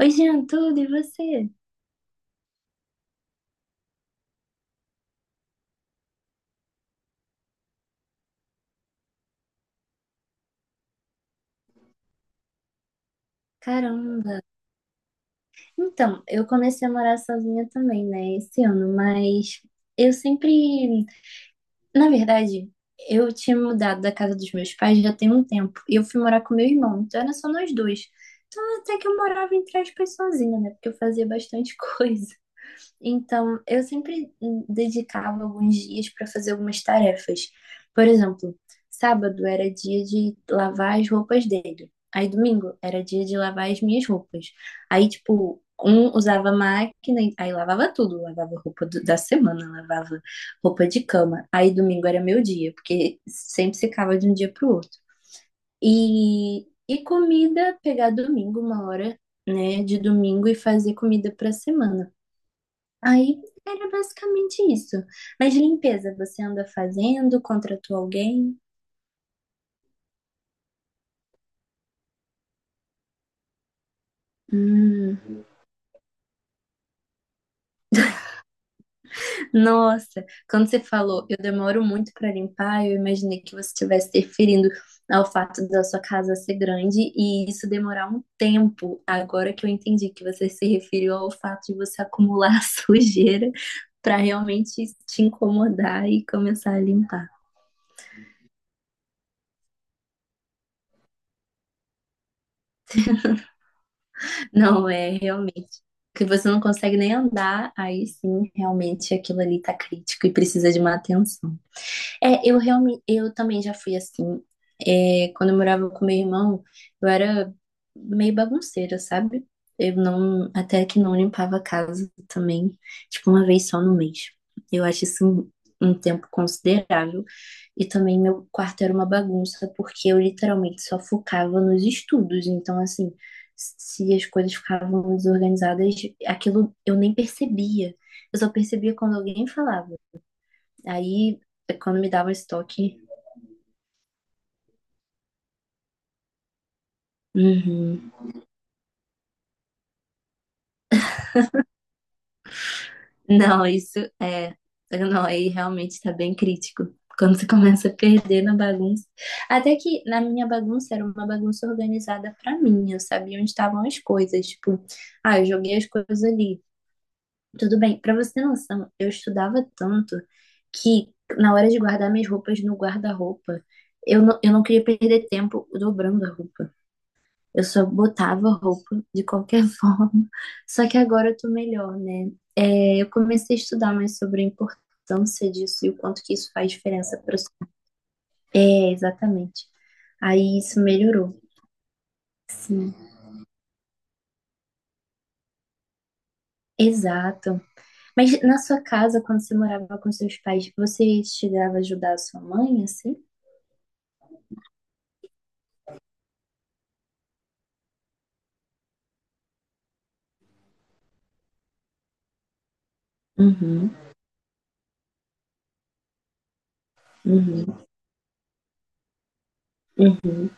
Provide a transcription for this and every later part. Oi, Jean, tudo e você? Caramba! Então, eu comecei a morar sozinha também, né, esse ano, mas eu sempre. Na verdade, eu tinha mudado da casa dos meus pais já tem um tempo, e eu fui morar com meu irmão, então era só nós dois. Então, até que eu morava, entre aspas, sozinha, né, porque eu fazia bastante coisa. Então, eu sempre dedicava alguns dias para fazer algumas tarefas. Por exemplo, sábado era dia de lavar as roupas dele. Aí domingo era dia de lavar as minhas roupas. Aí, tipo, um usava máquina, aí lavava tudo, lavava da semana, lavava roupa de cama. Aí domingo era meu dia, porque sempre secava de um dia pro outro. E comida, pegar domingo uma hora, né, de domingo e fazer comida pra semana. Aí era basicamente isso. Mas limpeza, você anda fazendo? Contratou alguém? Hum, nossa, quando você falou, eu demoro muito para limpar, eu imaginei que você estivesse referindo ao fato da sua casa ser grande e isso demorar um tempo. Agora que eu entendi que você se referiu ao fato de você acumular sujeira para realmente te incomodar e começar a limpar. Não, é realmente. Que você não consegue nem andar, aí sim, realmente aquilo ali tá crítico e precisa de uma atenção. É, eu realmente, eu também já fui assim. É, quando eu morava com meu irmão, eu era meio bagunceira, sabe? Eu não, até que não limpava a casa também, tipo, uma vez só no mês. Eu acho isso um tempo considerável. E também meu quarto era uma bagunça, porque eu literalmente só focava nos estudos. Então, assim, se as coisas ficavam desorganizadas, aquilo eu nem percebia. Eu só percebia quando alguém falava. Aí, quando me dava estoque. Uhum. Não, isso é. Não, aí realmente tá bem crítico. Quando você começa a perder na bagunça. Até que na minha bagunça era uma bagunça organizada pra mim. Eu sabia onde estavam as coisas. Tipo, ah, eu joguei as coisas ali. Tudo bem. Pra você ter noção, eu estudava tanto que na hora de guardar minhas roupas no guarda-roupa, eu não queria perder tempo dobrando a roupa. Eu só botava roupa de qualquer forma. Só que agora eu tô melhor, né? É, eu comecei a estudar mais sobre a importância disso e o quanto que isso faz diferença para É, exatamente. Aí isso melhorou. Sim, exato. Mas na sua casa, quando você morava com seus pais, você chegava a ajudar a sua mãe, assim? Uhum, uhum, uhum.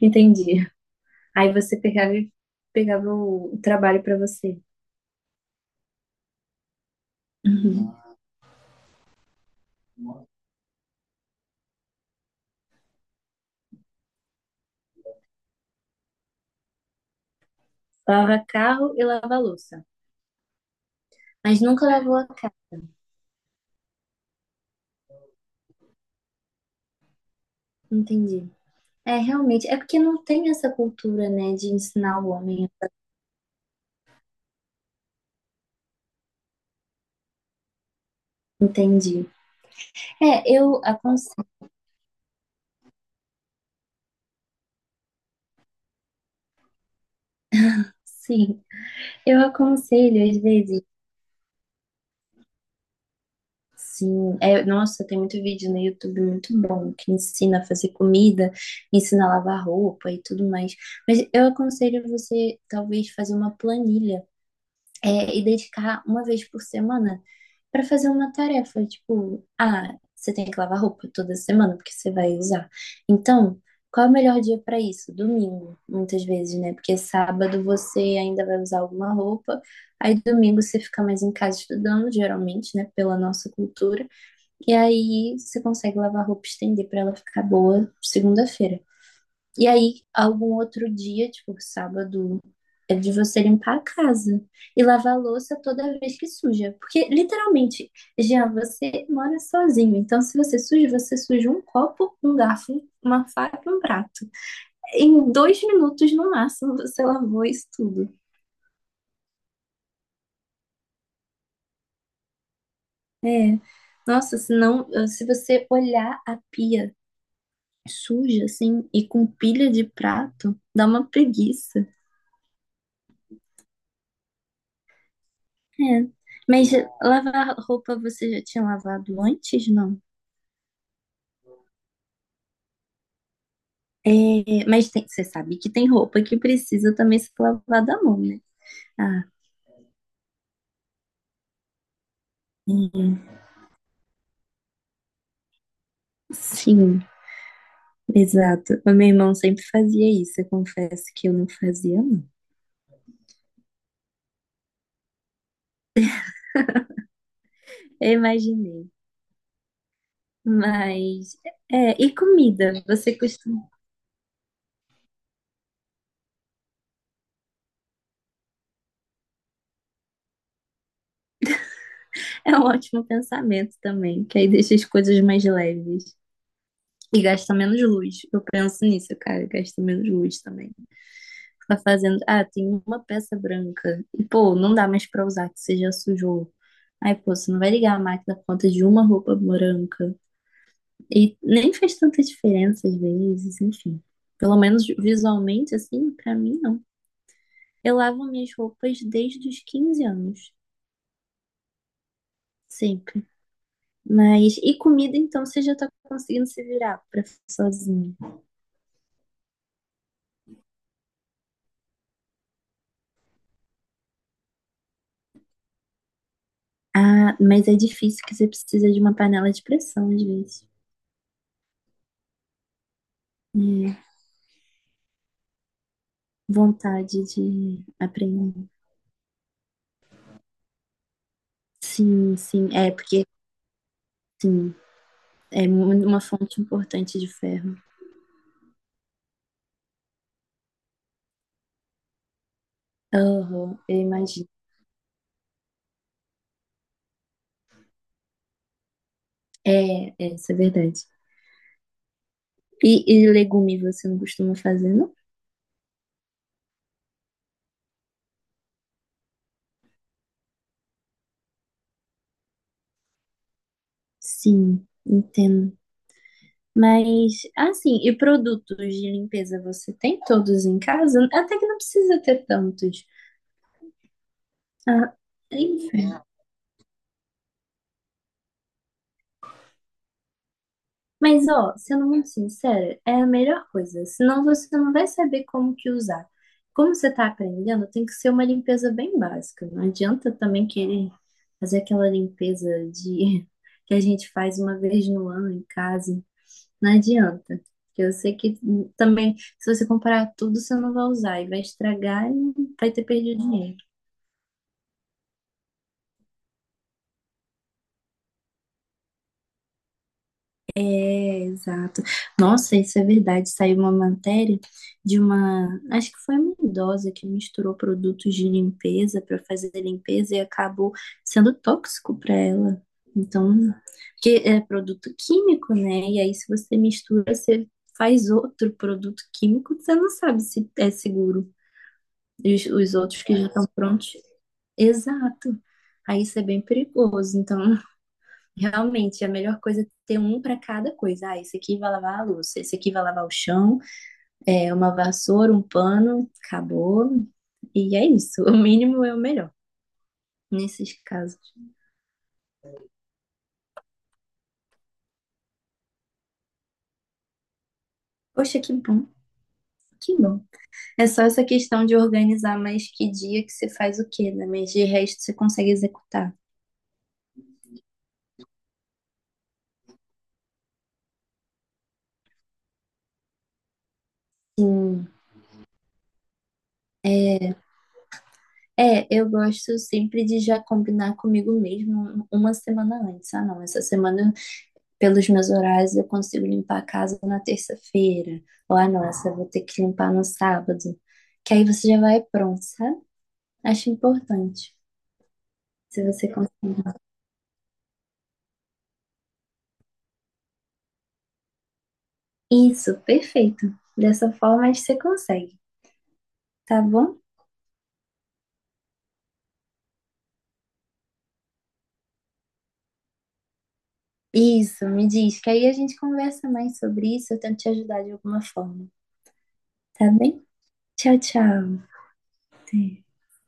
Entendi. Aí você pegava, pegava o trabalho para você. Uhum. Lava carro e lava louça. Mas nunca levou a cabo, entendi. É, realmente, é porque não tem essa cultura, né, de ensinar o homem. Entendi. É, eu aconselho, sim. Eu aconselho, às vezes, sim. É, nossa, tem muito vídeo no YouTube muito bom que ensina a fazer comida, ensina a lavar roupa e tudo mais. Mas eu aconselho você, talvez, fazer uma planilha. É, e dedicar uma vez por semana para fazer uma tarefa, tipo, ah, você tem que lavar roupa toda semana porque você vai usar. Então, qual é o melhor dia para isso? Domingo, muitas vezes, né? Porque sábado você ainda vai usar alguma roupa, aí domingo você fica mais em casa estudando, geralmente, né, pela nossa cultura, e aí você consegue lavar a roupa e estender para ela ficar boa segunda-feira. E aí, algum outro dia, tipo, sábado, é de você limpar a casa e lavar a louça toda vez que suja. Porque, literalmente, Jean, você mora sozinho. Então, se você suja, você suja um copo, um garfo, uma faca e um prato. Em dois minutos, no máximo, você lavou isso tudo. É. Nossa, senão, se você olhar a pia suja, assim, e com pilha de prato, dá uma preguiça. É, mas lavar roupa você já tinha lavado antes, não? É, você sabe que tem roupa que precisa também ser lavada à mão, né? Ah, hum, sim, exato. O meu irmão sempre fazia isso, eu confesso que eu não fazia, não. Eu imaginei. Mas, é, e comida? Você costuma. É um ótimo pensamento também, que aí deixa as coisas mais leves. E gasta menos luz. Eu penso nisso, cara, gasta menos luz também. Ficar fazendo, ah, tem uma peça branca. E, pô, não dá mais pra usar, que você já sujou. Aí, pô, você não vai ligar a máquina por conta de uma roupa branca. E nem faz tanta diferença às vezes, enfim. Pelo menos visualmente, assim, pra mim, não. Eu lavo minhas roupas desde os 15 anos, sempre. Mas, e comida, então, você já tá conseguindo se virar pra sozinho. Ah, mas é difícil que você precisa de uma panela de pressão, às vezes. É, vontade de aprender. Sim, sim. É, porque, sim, é uma fonte importante de ferro. Aham, eu imagino. É, é, isso é verdade. E legume você não costuma fazer, não? Sim, entendo. Mas, assim, e produtos de limpeza você tem todos em casa? Até que não precisa ter tantos. Ah, enfim. Mas, ó, sendo muito sincera, é a melhor coisa. Senão você não vai saber como que usar. Como você tá aprendendo, tem que ser uma limpeza bem básica. Não adianta também querer fazer aquela limpeza de que a gente faz uma vez no ano em casa. Não adianta. Porque eu sei que também, se você comprar tudo, você não vai usar e vai estragar e vai ter perdido dinheiro. É, exato. Nossa, isso é verdade. Saiu uma matéria de uma, acho que foi uma idosa que misturou produtos de limpeza para fazer limpeza e acabou sendo tóxico para ela. Então, porque é produto químico, né? E aí, se você mistura, você faz outro produto químico, você não sabe se é seguro. E os outros que já estão prontos. Exato. Aí isso é bem perigoso. Então, realmente, a melhor coisa é ter um para cada coisa. Ah, esse aqui vai lavar a louça, esse aqui vai lavar o chão, é uma vassoura, um pano, acabou. E é isso, o mínimo é o melhor nesses casos. Poxa, que bom, que bom. É só essa questão de organizar mais que dia que você faz o quê, né? Mas de resto você consegue executar. Sim. É, eu gosto sempre de já combinar comigo mesmo uma semana antes. Ah, não, essa semana pelos meus horários eu consigo limpar a casa na terça-feira. Ou, ah, nossa, eu vou ter que limpar no sábado. Que aí você já vai pronto, sabe? Acho importante, se você conseguir. Isso, perfeito. Dessa forma, acho que você consegue, tá bom? Isso, me diz, que aí a gente conversa mais sobre isso, eu tento te ajudar de alguma forma, tá bem? Tchau, tchau. Até.